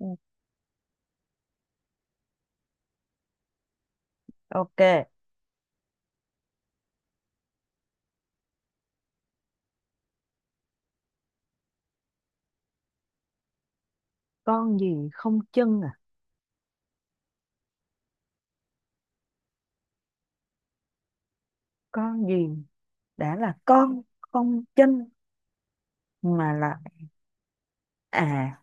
Ừ, Ok, con gì không chân à? Con gì đã là con không chân mà là à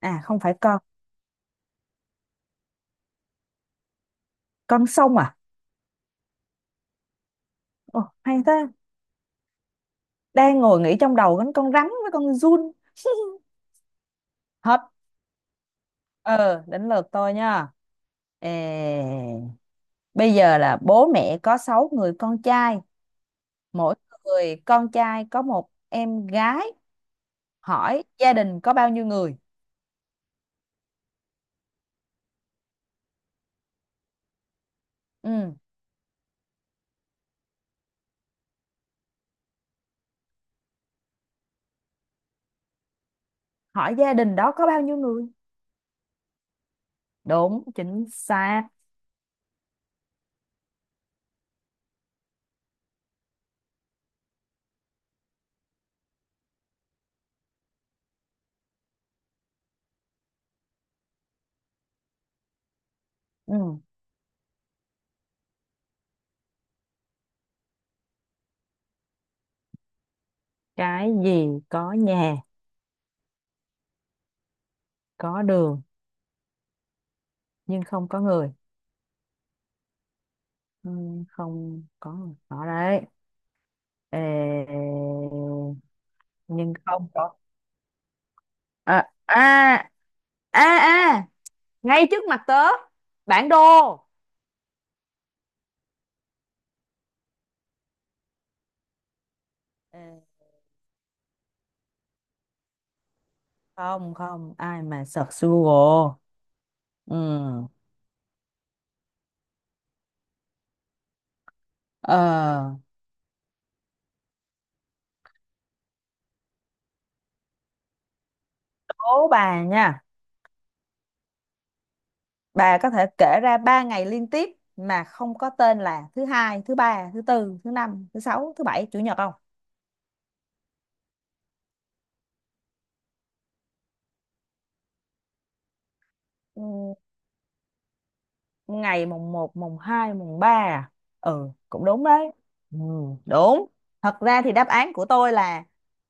không phải con sông à? Ồ, hay thế. Đang ngồi nghĩ trong đầu đến con rắn với con giun. Hết. Ờ, đến lượt tôi nha. Ê, bây giờ là bố mẹ có 6 người con trai, mỗi người con trai có một em gái. Hỏi gia đình có bao nhiêu người? Ừ, hỏi gia đình đó có bao nhiêu người? Đúng, chính xác. Ừ. Cái gì có nhà, có đường nhưng không có người. Ừ, không có người. Đó đấy. Ê, nhưng không có. À, à, à, à, ngay trước mặt tớ. Bản đồ. Ê, không, không, ai mà search Google. Ừ. Ờ, đố bà nha. Bà có thể kể ra 3 ngày liên tiếp mà không có tên là thứ hai, thứ ba, thứ tư, thứ năm, thứ sáu, thứ bảy, chủ nhật không? Ừ, ngày mùng 1 mùng 2 mùng 3 à? Ừ, cũng đúng đấy. Ừ, đúng. Thật ra thì đáp án của tôi là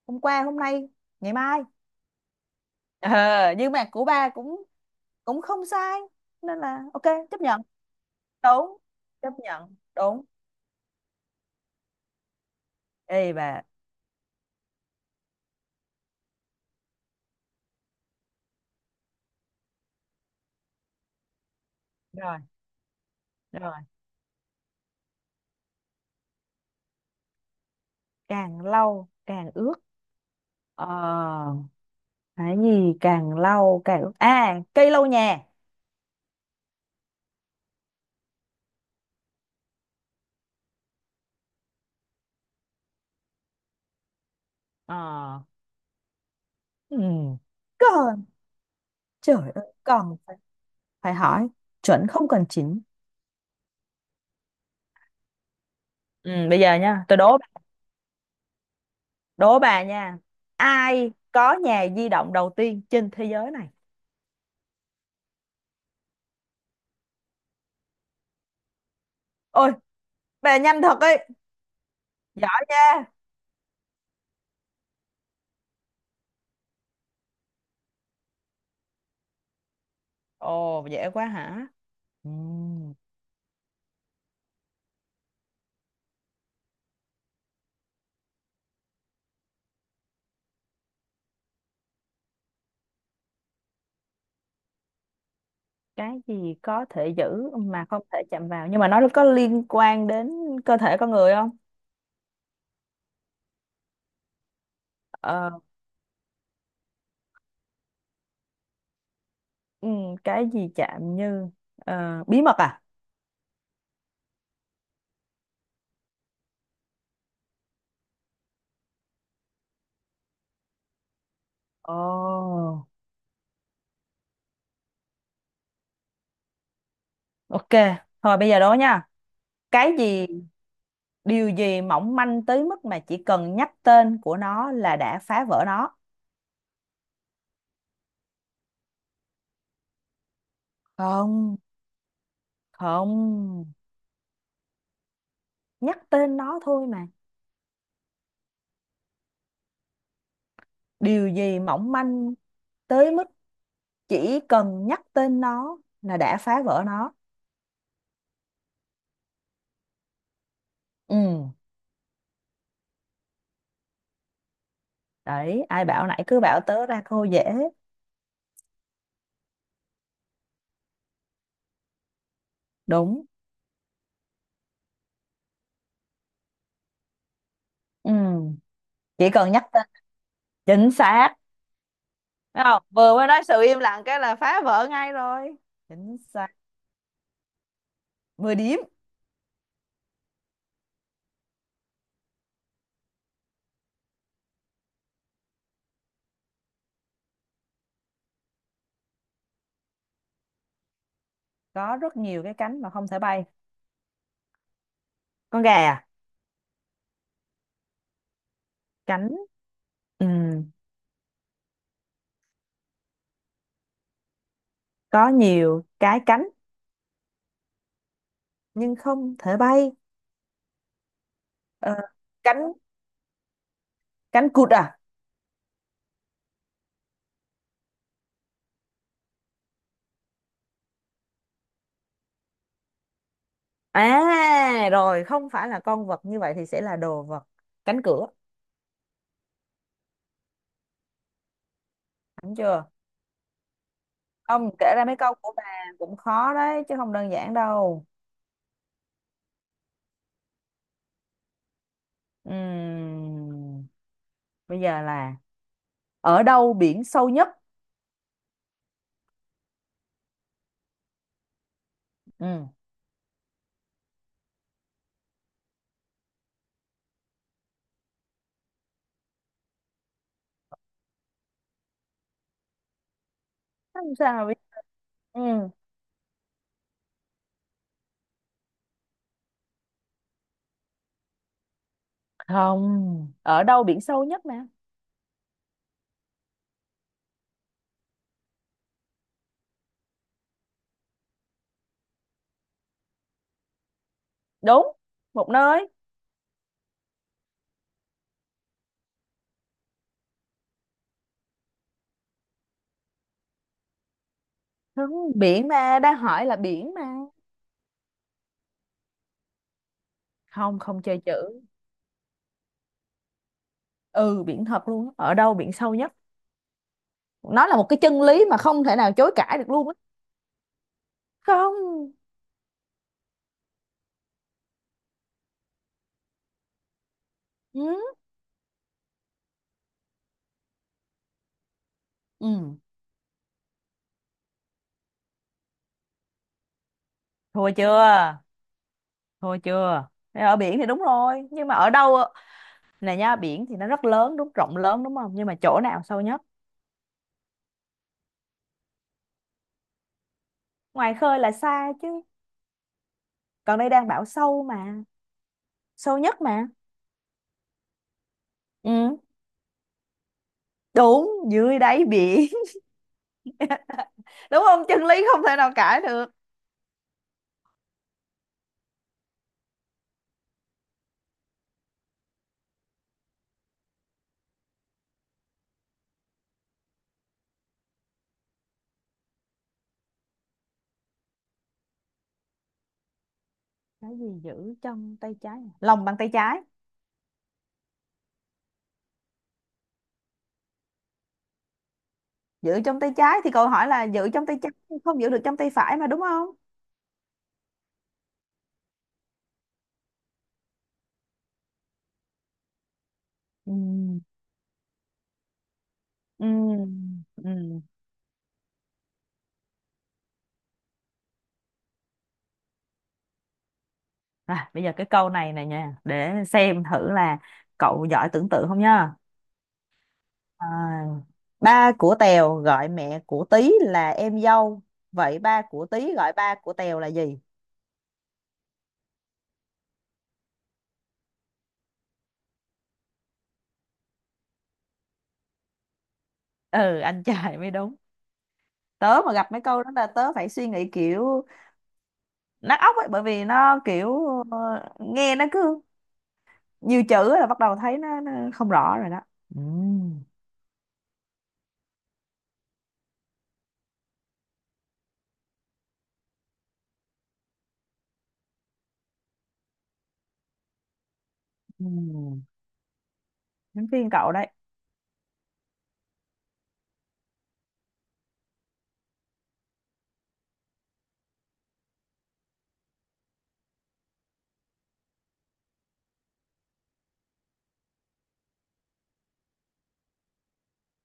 hôm qua, hôm nay, ngày mai. Ờ, nhưng mà của ba cũng cũng không sai. Nên là ok, chấp nhận. Đúng, chấp nhận. Đúng. Ê bà. Rồi, rồi. Càng lâu, càng ướt. Ờ, cái gì càng lâu, càng ướt. À, cây lau nhà. Ờ, ừ. Còn, trời ơi, còn. Phải hỏi chuẩn không cần chỉnh. Ừ, bây giờ nha, tôi đố đố bà nha. Ai có nhà di động đầu tiên trên thế giới này? Ôi, bà nhanh thật ấy. Giỏi nha. Ồ, dễ quá hả? Ừ, cái gì có thể giữ mà không thể chạm vào nhưng mà nó có liên quan đến cơ thể con người không? Ờ, ừ, cái gì chạm như bí mật à? Ồ, ok. Thôi bây giờ đố nha. Cái gì Điều gì mỏng manh tới mức mà chỉ cần nhắc tên của nó là đã phá vỡ nó? Không, không, nhắc tên nó thôi mà. Điều gì mỏng manh tới mức chỉ cần nhắc tên nó là đã phá vỡ nó? Ừ, đấy ai bảo nãy cứ bảo tớ ra cô dễ. Đúng. Ừ, chỉ cần nhắc tên. Chính xác. Thấy không, vừa mới nói sự im lặng cái là phá vỡ ngay rồi. Chính xác. 10 điểm. Có rất nhiều cái cánh mà không thể bay. Con gà à? Cánh. Ừ, có nhiều cái cánh nhưng không thể bay. Ờ, cánh cánh cụt à? À, rồi không phải là con vật, như vậy thì sẽ là đồ vật. Cánh cửa. Đúng chưa? Không, kể ra mấy câu của bà cũng khó đấy chứ không đơn giản đâu. Ừm, bây giờ là ở đâu biển sâu nhất? Ừ, không sao mà biết. Ừ. Không, ở đâu biển sâu nhất nè? Đúng, một nơi. Không, biển mà đang hỏi là biển mà. Không, không chơi chữ. Ừ, biển thật luôn á. Ở đâu biển sâu nhất? Nó là một cái chân lý mà không thể nào chối cãi được luôn á. Không. Ừ. Ừ. Thua chưa? Thua chưa? Thế ở biển thì đúng rồi nhưng mà ở đâu ạ? Nè nha, biển thì nó rất lớn, đúng, rộng lớn đúng không, nhưng mà chỗ nào sâu nhất? Ngoài khơi là xa chứ, còn đây đang bảo sâu mà, sâu nhất mà. Ừ. Đúng, dưới đáy biển. Đúng không, chân lý không thể nào cãi được. Cái gì giữ trong tay trái à? Lòng bàn tay trái. Giữ trong tay trái thì câu hỏi là giữ trong tay trái, không giữ được trong tay phải mà đúng không? Ừ. Ừ. Ừ. À, bây giờ cái câu này này nha, để xem thử là cậu giỏi tưởng tượng không nha. À, ba của Tèo gọi mẹ của Tí là em dâu, vậy ba của Tí gọi ba của Tèo là gì? Ừ, anh trai mới đúng. Tớ mà gặp mấy câu đó là tớ phải suy nghĩ kiểu nát óc ấy, bởi vì nó kiểu ờ, nghe nó cứ nhiều chữ là bắt đầu thấy nó không rõ rồi đó. Ừm, ừm. Đến phiên cậu đấy.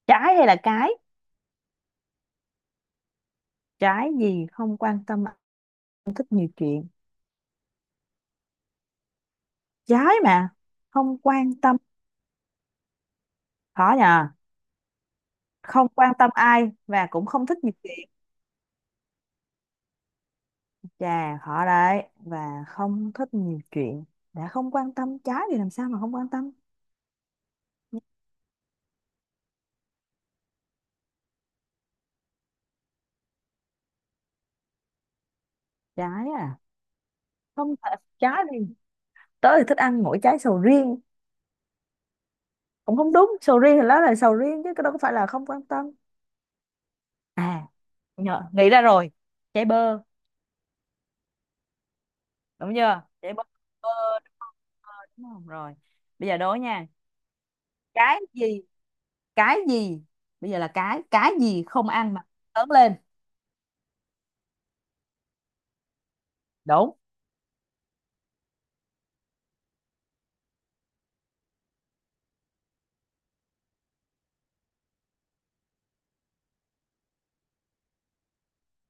Trái hay là cái? Trái gì không quan tâm, không thích nhiều chuyện? Trái mà không quan tâm. Khó nhờ. Không quan tâm ai và cũng không thích nhiều chuyện. Chà, khó đấy, và không thích nhiều chuyện. Đã không quan tâm trái thì làm sao mà không quan tâm. Trái à? Không thể. Trái thì tớ thì thích ăn mỗi trái sầu riêng. Cũng không đúng, sầu riêng thì nó là sầu riêng chứ, cái đó có phải là không quan tâm à. Nhờ, nghĩ ra rồi. Chảy bơ. Đúng chưa? Chảy bơ, bơ đúng không? Bơ, đúng không. Rồi, bây giờ đố nha. Cái gì. cái gì Bây giờ là cái gì không ăn mà lớn lên? Đúng.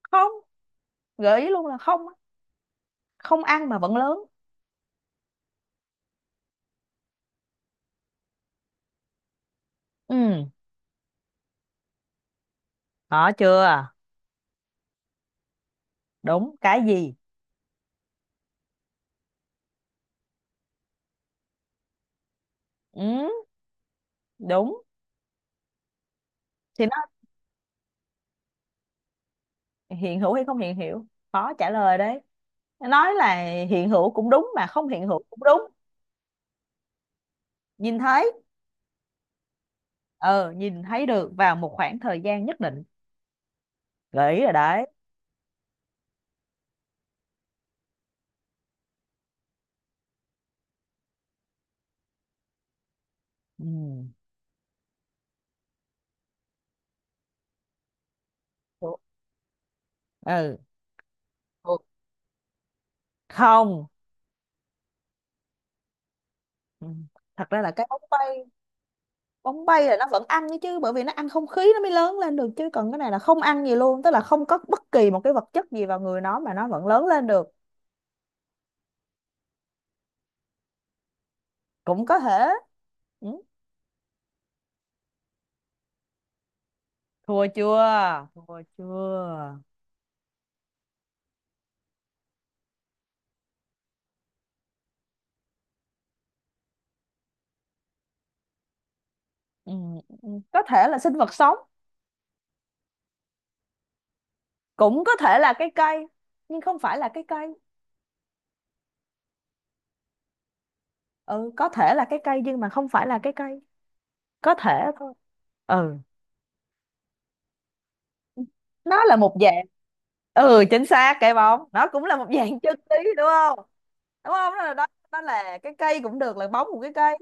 Không, gợi ý luôn là không á. Không ăn mà vẫn lớn. Ừ, có chưa? Đúng, cái gì. Ừ. Đúng. Thì nó hiện hữu hay không hiện hữu, khó trả lời đấy, nói là hiện hữu cũng đúng mà không hiện hữu cũng đúng. Nhìn thấy. Ờ, nhìn thấy được vào một khoảng thời gian nhất định. Gợi ý rồi đấy. Ừ. Ủa, ừ. Ủa, không. Ừ. Thật ra là cái bóng bay. Bóng bay là nó vẫn ăn đấy chứ, bởi vì nó ăn không khí nó mới lớn lên được, chứ còn cái này là không ăn gì luôn, tức là không có bất kỳ một cái vật chất gì vào người nó mà nó vẫn lớn lên được. Cũng có thể. Ừ. Thua chưa? Thua chưa? Ừ. Ừ, có thể là sinh vật sống. Cũng có thể là cái cây nhưng không phải là cái cây. Ừ, có thể là cái cây nhưng mà không phải là cái cây. Có thể thôi. Ừ. Nó là một dạng. Ừ, chính xác, cái bóng nó cũng là một dạng chân lý đúng không. Đúng không, đó là cái cây cũng được, là bóng một cái cây.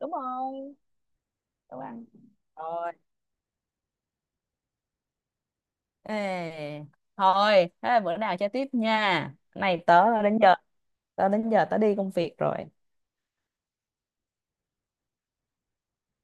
Đúng rồi. Đúng ăn. Rồi. Ê, thôi thế là bữa nào chơi tiếp nha. Cái này tớ đến giờ, tớ đi công việc rồi.